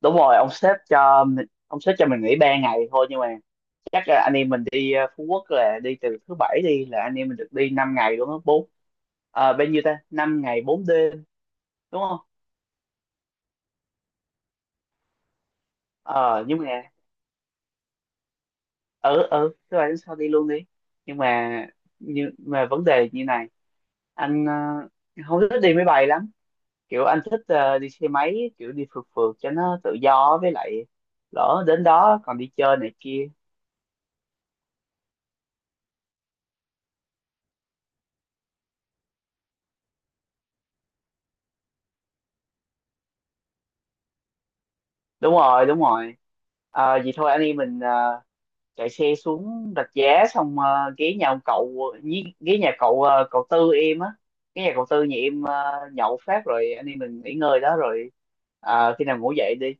Đúng rồi, ông sếp cho mình nghỉ 3 ngày thôi. Nhưng mà chắc là anh em mình đi Phú Quốc, là đi từ thứ bảy đi là anh em mình được đi 5 ngày luôn á, bốn. Bao nhiêu ta, 5 ngày 4 đêm, đúng không? Ờ nhưng mà ừ, ừ, thứ bảy đến sau đi luôn đi. Nhưng mà, vấn đề như này: anh không thích đi máy bay lắm. Kiểu anh thích đi xe máy, kiểu đi phượt phượt cho nó tự do, với lại lỡ đến đó còn đi chơi này kia. Đúng rồi, đúng rồi. Ờ, vậy thôi anh em mình chạy xe xuống Rạch Giá xong, ghé nhà ông cậu, ghé nhà cậu, cậu Tư em á, ghé nhà cậu Tư nhà em. Ờ, Nhậu phát rồi anh em mình nghỉ ngơi đó rồi, khi nào ngủ dậy đi.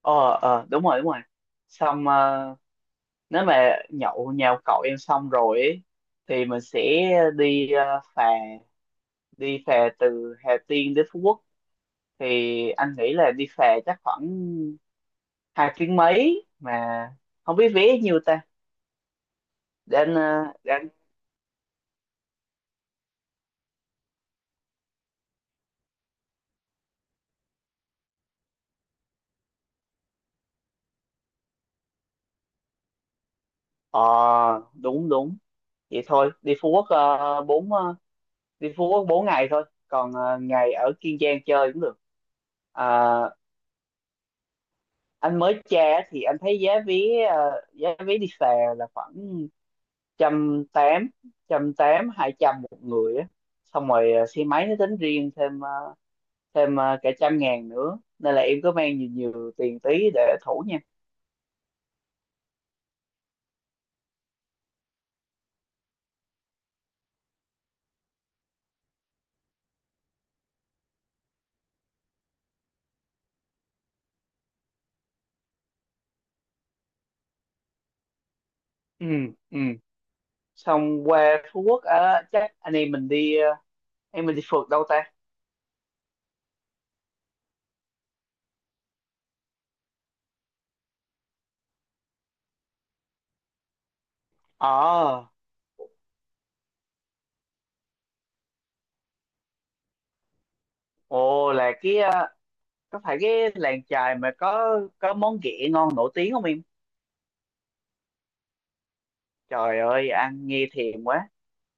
ờ Đúng rồi, đúng rồi. Xong, nếu mà nhậu nhà ông cậu em xong rồi ấy, thì mình sẽ đi phà từ Hà Tiên đến Phú Quốc. Thì anh nghĩ là đi phà chắc khoảng 2 tiếng mấy, mà không biết vé nhiêu ta. Để anh. Ờ, đúng, đúng, vậy thôi đi Phú Quốc, bốn, đi Phú Quốc 4 ngày thôi, còn ngày ở Kiên Giang chơi cũng được. À, anh mới tra thì anh thấy giá vé, giá vé đi phà là khoảng trăm tám, trăm tám, hai trăm một người á. Xong rồi, xe máy nó tính riêng thêm cả trăm ngàn nữa, nên là em cứ mang nhiều nhiều tiền tí để thủ nha. Ừ, ừ, xong qua Phú Quốc á, chắc anh em mình đi, em mình đi phượt đâu ta. ờ Ồ, là cái, có phải cái làng chài mà có món ghẹ ngon nổi tiếng không em? Trời ơi ăn nghe thèm quá,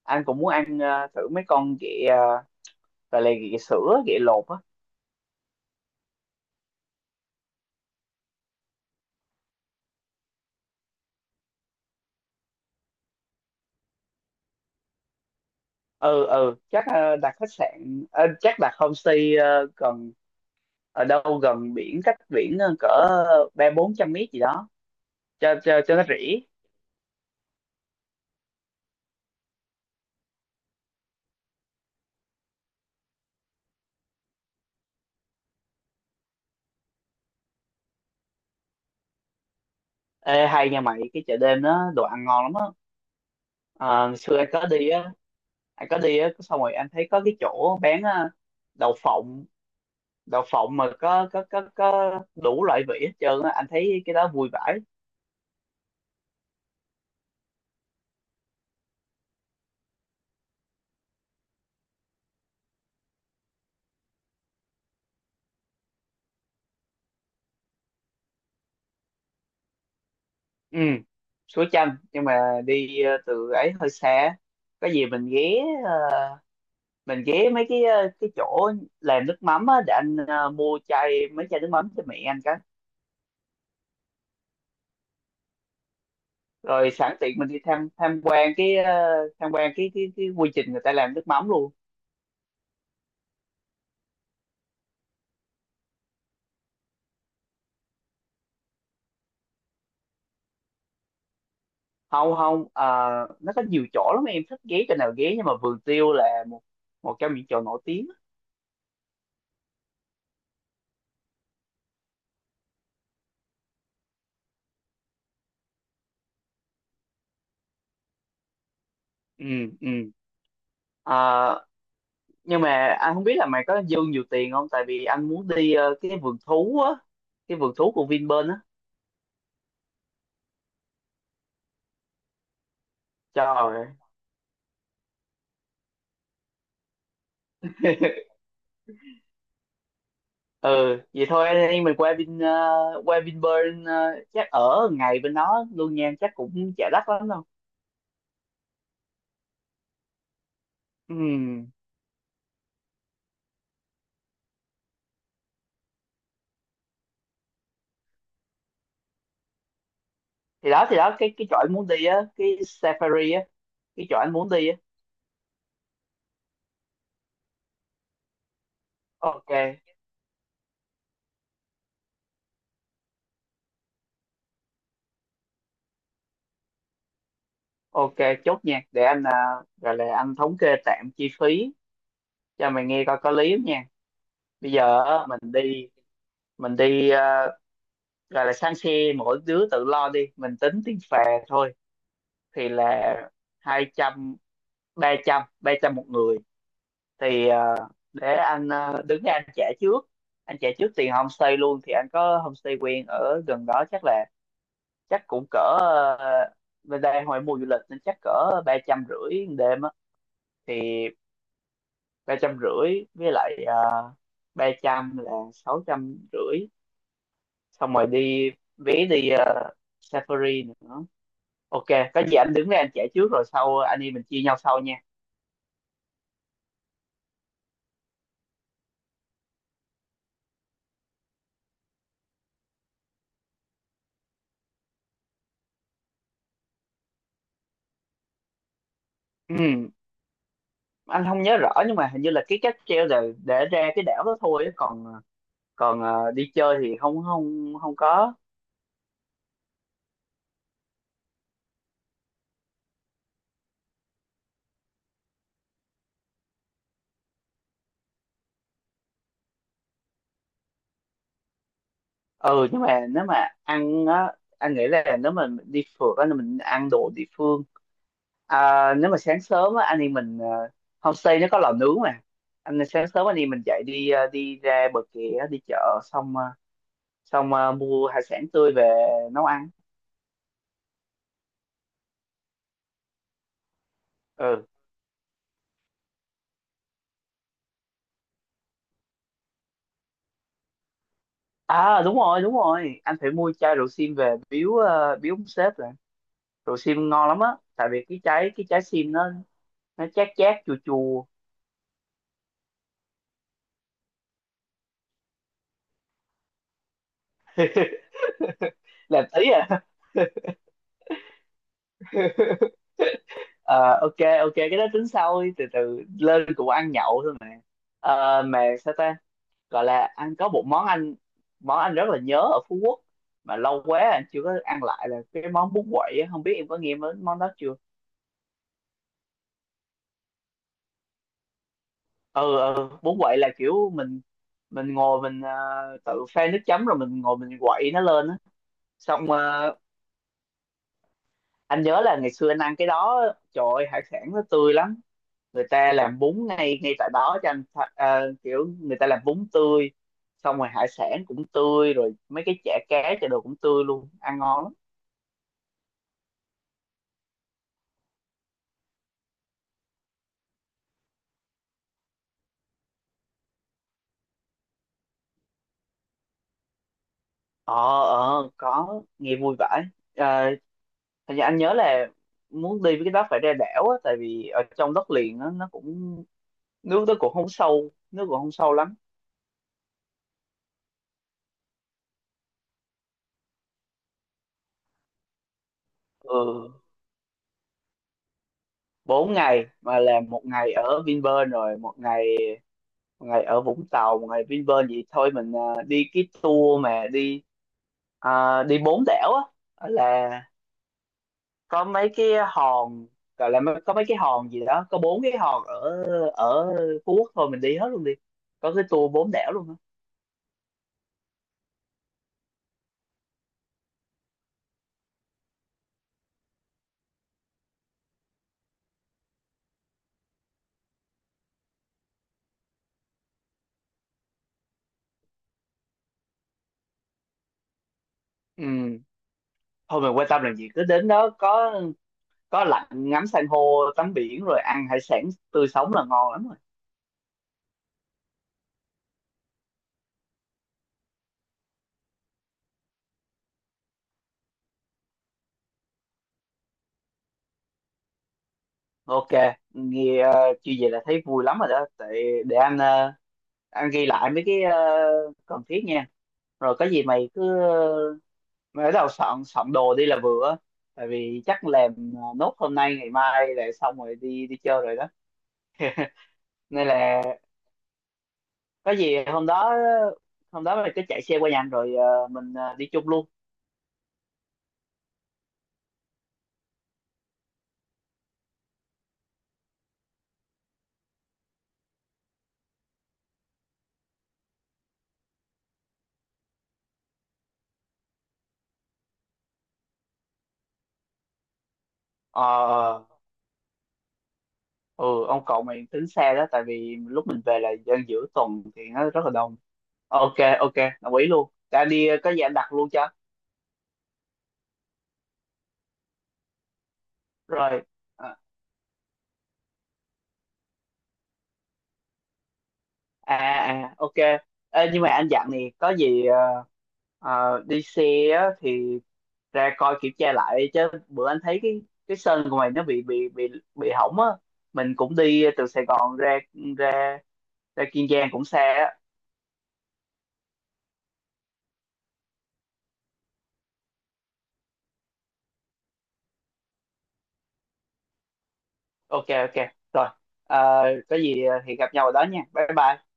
anh cũng muốn ăn thử mấy con ghẹ, gọi là ghẹ sữa ghẹ lột á. Ừ, ừ, chắc đặt khách sạn, chắc đặt homestay, gần, ở đâu gần biển, cách biển cỡ ba bốn trăm mét gì đó, cho nó rỉ. Ê, hay nha mày, cái chợ đêm đó đồ ăn ngon lắm á. Ờ, xưa anh có đi á, xong rồi anh thấy có cái chỗ bán đậu phộng, đậu phộng mà có đủ loại vị hết trơn á, anh thấy cái đó vui vãi. Ừ, suối chanh nhưng mà đi, từ ấy hơi xa, có gì mình ghé, ờ, mình ghé mấy cái, cái chỗ làm nước mắm á, để anh mua chai, mấy chai nước mắm cho mẹ anh cái. Rồi sẵn tiện mình đi tham tham quan cái, quy trình người ta làm nước mắm luôn. Không, không, à, nó có nhiều chỗ lắm, em thích ghé chỗ nào ghé, nhưng mà vườn tiêu là một một trong những chỗ nổi tiếng á. Ừ, ừ, à, nhưng mà anh không biết là mày có dư nhiều tiền không, tại vì anh muốn đi cái vườn thú á, cái vườn thú của Vinpearl á. Trời ơi. Ừ vậy thôi anh em mình qua Vinpearl, chắc ở ngày bên đó luôn nha, chắc cũng chả đắt lắm đâu. Ừ, thì đó cái chỗ anh muốn đi á, cái safari á, cái chỗ anh muốn đi á. Ok. Ok, chốt nha. Để anh à, gọi là anh thống kê tạm chi phí cho mày nghe coi có lý không nha. Bây giờ á, mình đi, à, gọi là sang xe mỗi đứa tự lo đi, mình tính tiền phà thôi, thì là hai trăm, ba trăm một người. Thì à, để anh à, đứng ra anh trả trước. Anh trả trước tiền homestay luôn, thì anh có homestay quen ở gần đó chắc là, chắc cũng cỡ, à, bên đây hồi mùa du lịch nên chắc cỡ ba trăm rưỡi đêm á, thì ba trăm rưỡi với lại, ba trăm là sáu trăm rưỡi. Xong rồi đi vé đi, Safari nữa. Ok, có gì anh đứng đây anh trả trước rồi sau anh em mình chia nhau sau nha. Ừm, anh không nhớ rõ nhưng mà hình như là cái cáp treo là để ra cái đảo đó thôi á, còn, còn đi chơi thì không, không, không có. Ừ nhưng mà nếu mà ăn á anh nghĩ là nếu mà mình đi phượt á là mình ăn đồ địa phương. À, nếu mà sáng sớm á, anh em mình, homestay nó có lò nướng mà, anh sáng sớm anh em mình dậy đi, đi ra bờ kè á, đi chợ xong, mua hải sản tươi về nấu ăn. Ừ, à, đúng rồi, đúng rồi, anh phải mua chai rượu sim về biếu, biếu ông sếp rồi, rượu sim ngon lắm á, tại vì cái trái sim nó, chát chát chua chua. Làm tí à. Ờ, ok, ok, cái đó tính sau đi, từ từ lên cũng ăn nhậu thôi mà. Ờ, mà sao ta, gọi là ăn có một món anh, món anh rất là nhớ ở Phú Quốc mà lâu quá anh chưa có ăn lại, là cái món bún quậy á. Không biết em có nghe món món đó chưa. Ừ, ừ, bún quậy là kiểu mình ngồi mình, tự pha nước chấm rồi mình ngồi mình quậy nó lên á, xong, anh nhớ là ngày xưa anh ăn cái đó, trời ơi hải sản nó tươi lắm, người ta làm bún ngay ngay tại đó cho anh kiểu người ta làm bún tươi, xong rồi hải sản cũng tươi rồi mấy cái chả cá chả đồ cũng tươi luôn ăn ngon lắm. ờ có nghe vui vãi. À, thật ra anh nhớ là muốn đi với cái đó phải ra đảo á, tại vì ở trong đất liền nó cũng nước nó cũng không sâu, nước cũng không sâu lắm. Ừ, bốn ngày mà làm một ngày ở Vinpearl rồi một ngày ở Vũng Tàu, một ngày Vinpearl, vậy thôi mình à, đi cái tour mà đi, à, đi bốn đảo á, là có mấy cái hòn, gọi là có mấy cái hòn gì đó, có bốn cái hòn ở, ở Phú Quốc thôi mình đi hết luôn đi, có cái tour bốn đảo luôn á. Ừ. Thôi mình quan tâm làm gì, cứ đến đó có lạnh ngắm san hô tắm biển rồi ăn hải sản tươi sống là ngon lắm rồi. Ok, nghe như vậy là thấy vui lắm rồi đó, tại để anh, anh ghi lại mấy cái cần thiết nha, rồi có gì mày cứ, mà bắt đầu soạn soạn đồ đi là vừa á. Tại vì chắc làm à, nốt hôm nay ngày mai là xong rồi đi đi chơi rồi đó. Nên là có gì hôm đó, mình cứ chạy xe qua nhà anh rồi mình đi chung luôn. ờ ừ, ông cậu mày tính xe đó tại vì lúc mình về là dân giữa tuần thì nó rất là đông. Ok, ok, đồng ý luôn đã đi, có gì anh đặt luôn cho. Rồi. à à ok. Ê, nhưng mà anh dặn này, có gì đi xe á, thì ra coi kiểm tra lại chứ, bữa anh thấy cái sân của mày nó bị hỏng á, mình cũng đi từ Sài Gòn ra ra ra Kiên Giang cũng xa á. Ok, ok, rồi. Ờ, có gì thì gặp nhau ở đó nha, bye bye.